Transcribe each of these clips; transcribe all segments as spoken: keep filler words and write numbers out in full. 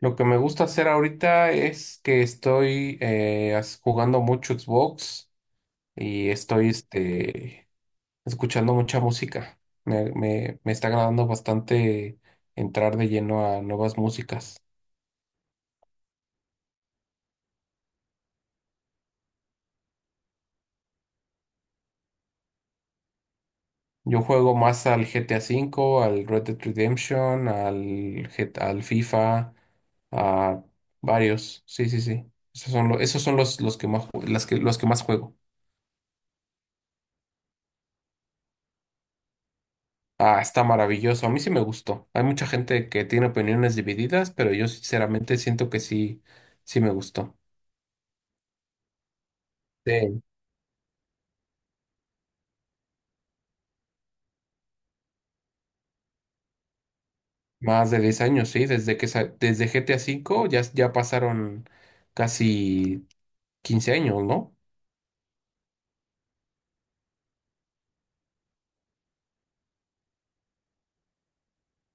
Lo que me gusta hacer ahorita es que estoy eh, as- jugando mucho Xbox y estoy este, escuchando mucha música. Me, me- me está agradando bastante entrar de lleno a nuevas músicas. Yo juego más al G T A V, al Red Dead Redemption, al, G- al FIFA, a varios. Sí, sí, sí. Esos son, lo- esos son los, los que más, ju- las que, los que más juego. Ah, está maravilloso. A mí sí me gustó. Hay mucha gente que tiene opiniones divididas, pero yo sinceramente siento que sí, sí me gustó. Sí. Más de diez años, sí. Desde que sa- desde G T A V ya, ya pasaron casi quince años, ¿no?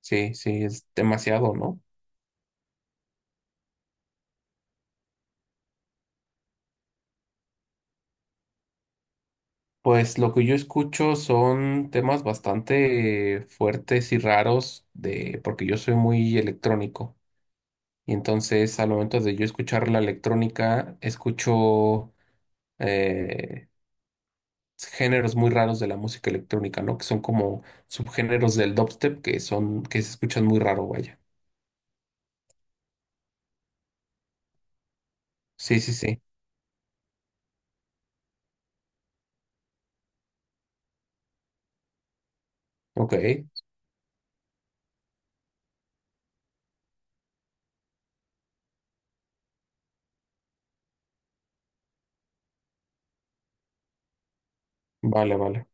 Sí, sí, es demasiado, ¿no? Pues lo que yo escucho son temas bastante fuertes y raros de, porque yo soy muy electrónico. Y entonces al momento de yo escuchar la electrónica, escucho eh, géneros muy raros de la música electrónica, ¿no? Que son como subgéneros del dubstep que son, que se escuchan muy raro, vaya. Sí, sí, sí. Ok. Vale, vale.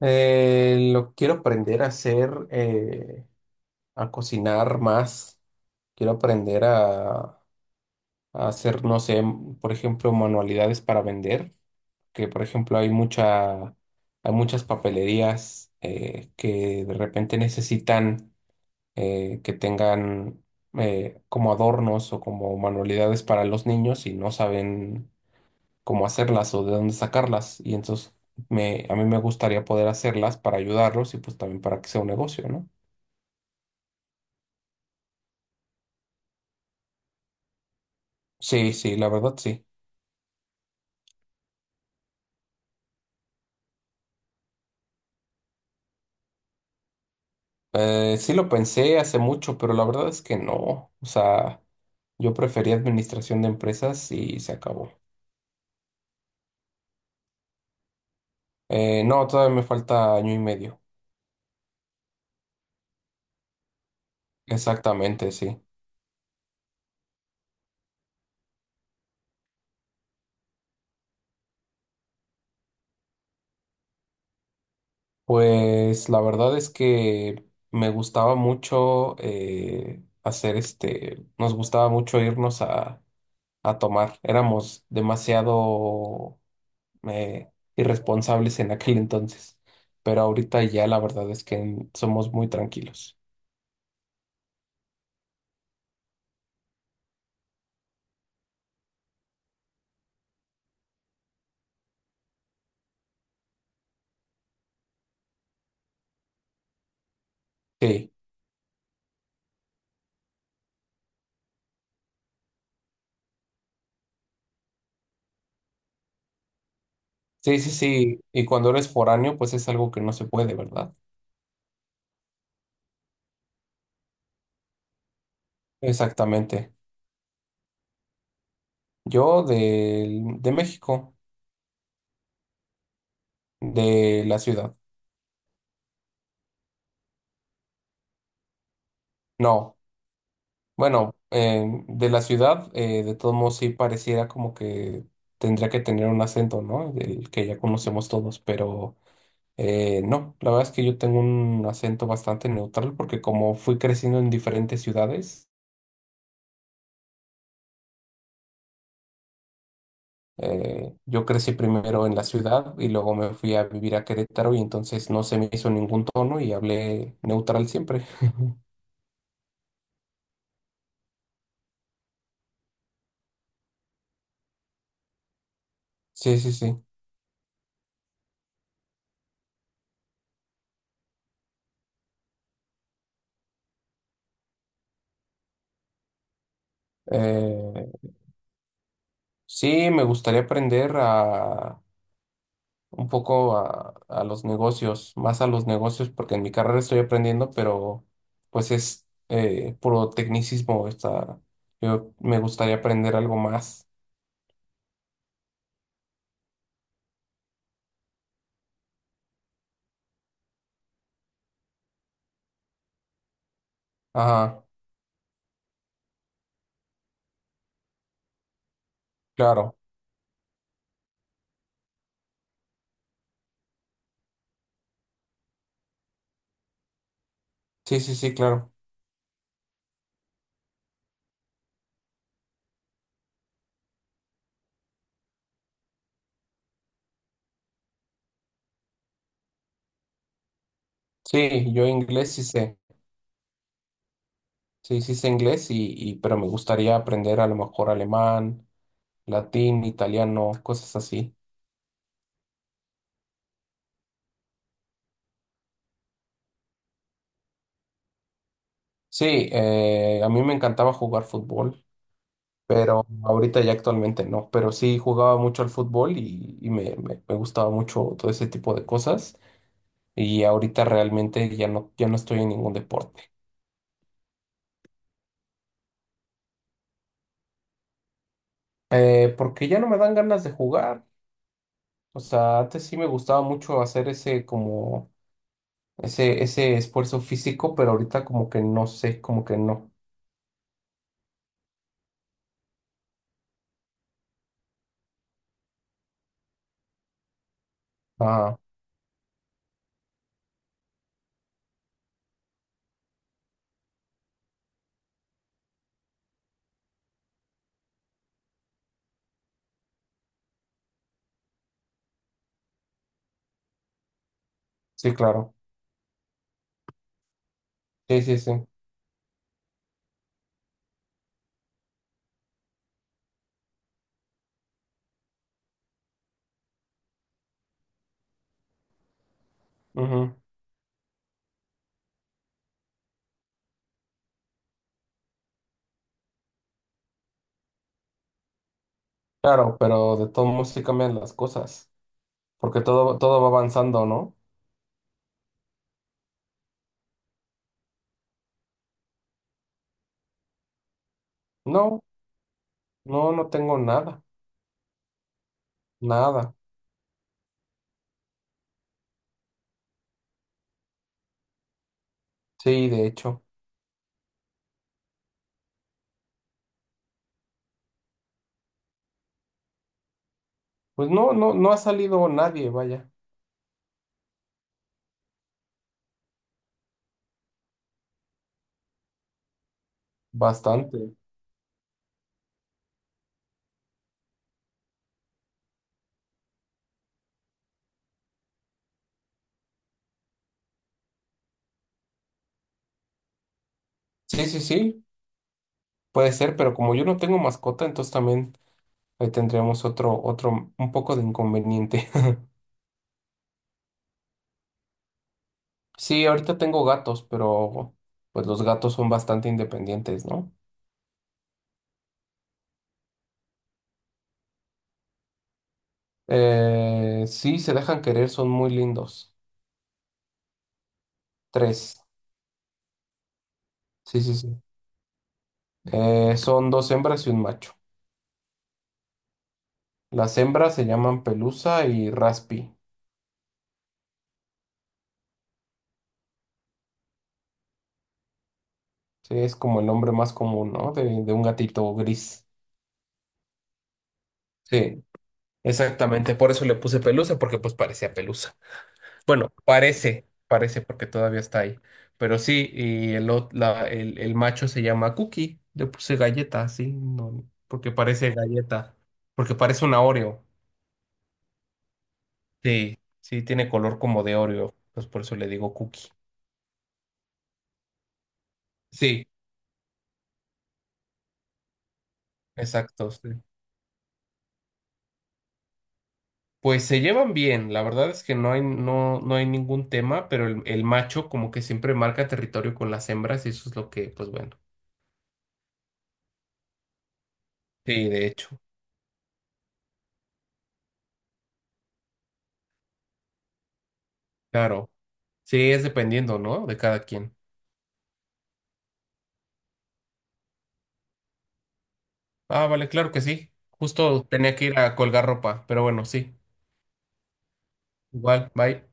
Eh, lo quiero aprender a hacer, eh, a cocinar más. Quiero aprender a, a hacer, no sé, m- por ejemplo, manualidades para vender, que por ejemplo hay mucha, hay muchas papelerías eh, que de repente necesitan eh, que tengan eh, como adornos o como manualidades para los niños y no saben cómo hacerlas o de dónde sacarlas. Y entonces me, a mí me gustaría poder hacerlas para ayudarlos y pues también para que sea un negocio, ¿no? Sí, sí, la verdad sí. Eh, sí lo pensé hace mucho, pero la verdad es que no. O sea, yo preferí administración de empresas y se acabó. Eh, no, todavía me falta año y medio. Exactamente, sí. Pues la verdad es que me gustaba mucho eh, hacer este, nos gustaba mucho irnos a, a tomar. Éramos demasiado eh, irresponsables en aquel entonces, pero ahorita ya la verdad es que somos muy tranquilos. Sí, sí, sí, sí. Y cuando eres foráneo, pues es algo que no se puede, ¿verdad? Exactamente. Yo del- de México, de la ciudad. No. Bueno, eh, de la ciudad, eh, de todos modos sí pareciera como que tendría que tener un acento, ¿no? El que ya conocemos todos, pero eh, no, la verdad es que yo tengo un acento bastante neutral porque como fui creciendo en diferentes ciudades, eh, yo crecí primero en la ciudad y luego me fui a vivir a Querétaro y entonces no se me hizo ningún tono y hablé neutral siempre. Sí, sí, sí. Eh, sí, me gustaría aprender a un poco a, a los negocios, más a los negocios, porque en mi carrera estoy aprendiendo, pero pues es eh, puro tecnicismo. Está, yo me gustaría aprender algo más. Ajá, claro. Sí, sí, sí, claro. Sí, yo inglés sí sé. Sí, sí sé inglés, y, y, pero me gustaría aprender a lo mejor alemán, latín, italiano, cosas así. Sí, eh, a mí me encantaba jugar fútbol. Pero ahorita ya actualmente no. Pero sí jugaba mucho al fútbol y, y me, me- me gustaba mucho todo ese tipo de cosas. Y ahorita realmente ya no, ya no estoy en ningún deporte. Eh, porque ya no me dan ganas de jugar. O sea, antes sí me gustaba mucho hacer ese como ese, ese esfuerzo físico, pero ahorita como que no sé, como que no. Ah, sí, claro. Sí, sí, sí. Ujú. Claro, pero de todos modos sí cambian las cosas. Porque todo, todo va avanzando, ¿no? No, no, no tengo nada. Nada, sí, de hecho. Pues no, no, no ha salido nadie, vaya, bastante. Sí, sí, sí, puede ser, pero como yo no tengo mascota, entonces también ahí tendríamos otro, otro, un poco de inconveniente. Sí, ahorita tengo gatos, pero pues los gatos son bastante independientes, ¿no? Eh, sí, se dejan querer, son muy lindos. Tres, sí, sí, sí. Eh, son dos hembras y un macho. Las hembras se llaman Pelusa y Raspi. Sí, es como el nombre más común, ¿no? De, de un gatito gris. Sí, exactamente. Por eso le puse pelusa, porque pues parecía pelusa. Bueno, parece, parece porque todavía está ahí. Pero sí, y el, ot- la- el, el macho se llama Cookie. Le puse galleta, sí, no, porque parece galleta. Porque parece una Oreo. Sí, sí, tiene color como de Oreo. Pues por eso le digo Cookie. Sí, exacto. Sí. Pues se llevan bien, la verdad es que no hay, no, no hay ningún tema, pero el, el macho como que siempre marca territorio con las hembras y eso es lo que, pues bueno, sí, de hecho, claro, sí, es dependiendo, ¿no? De cada quien. Ah, vale, claro que sí, justo tenía que ir a colgar ropa, pero bueno, sí, igual, bye.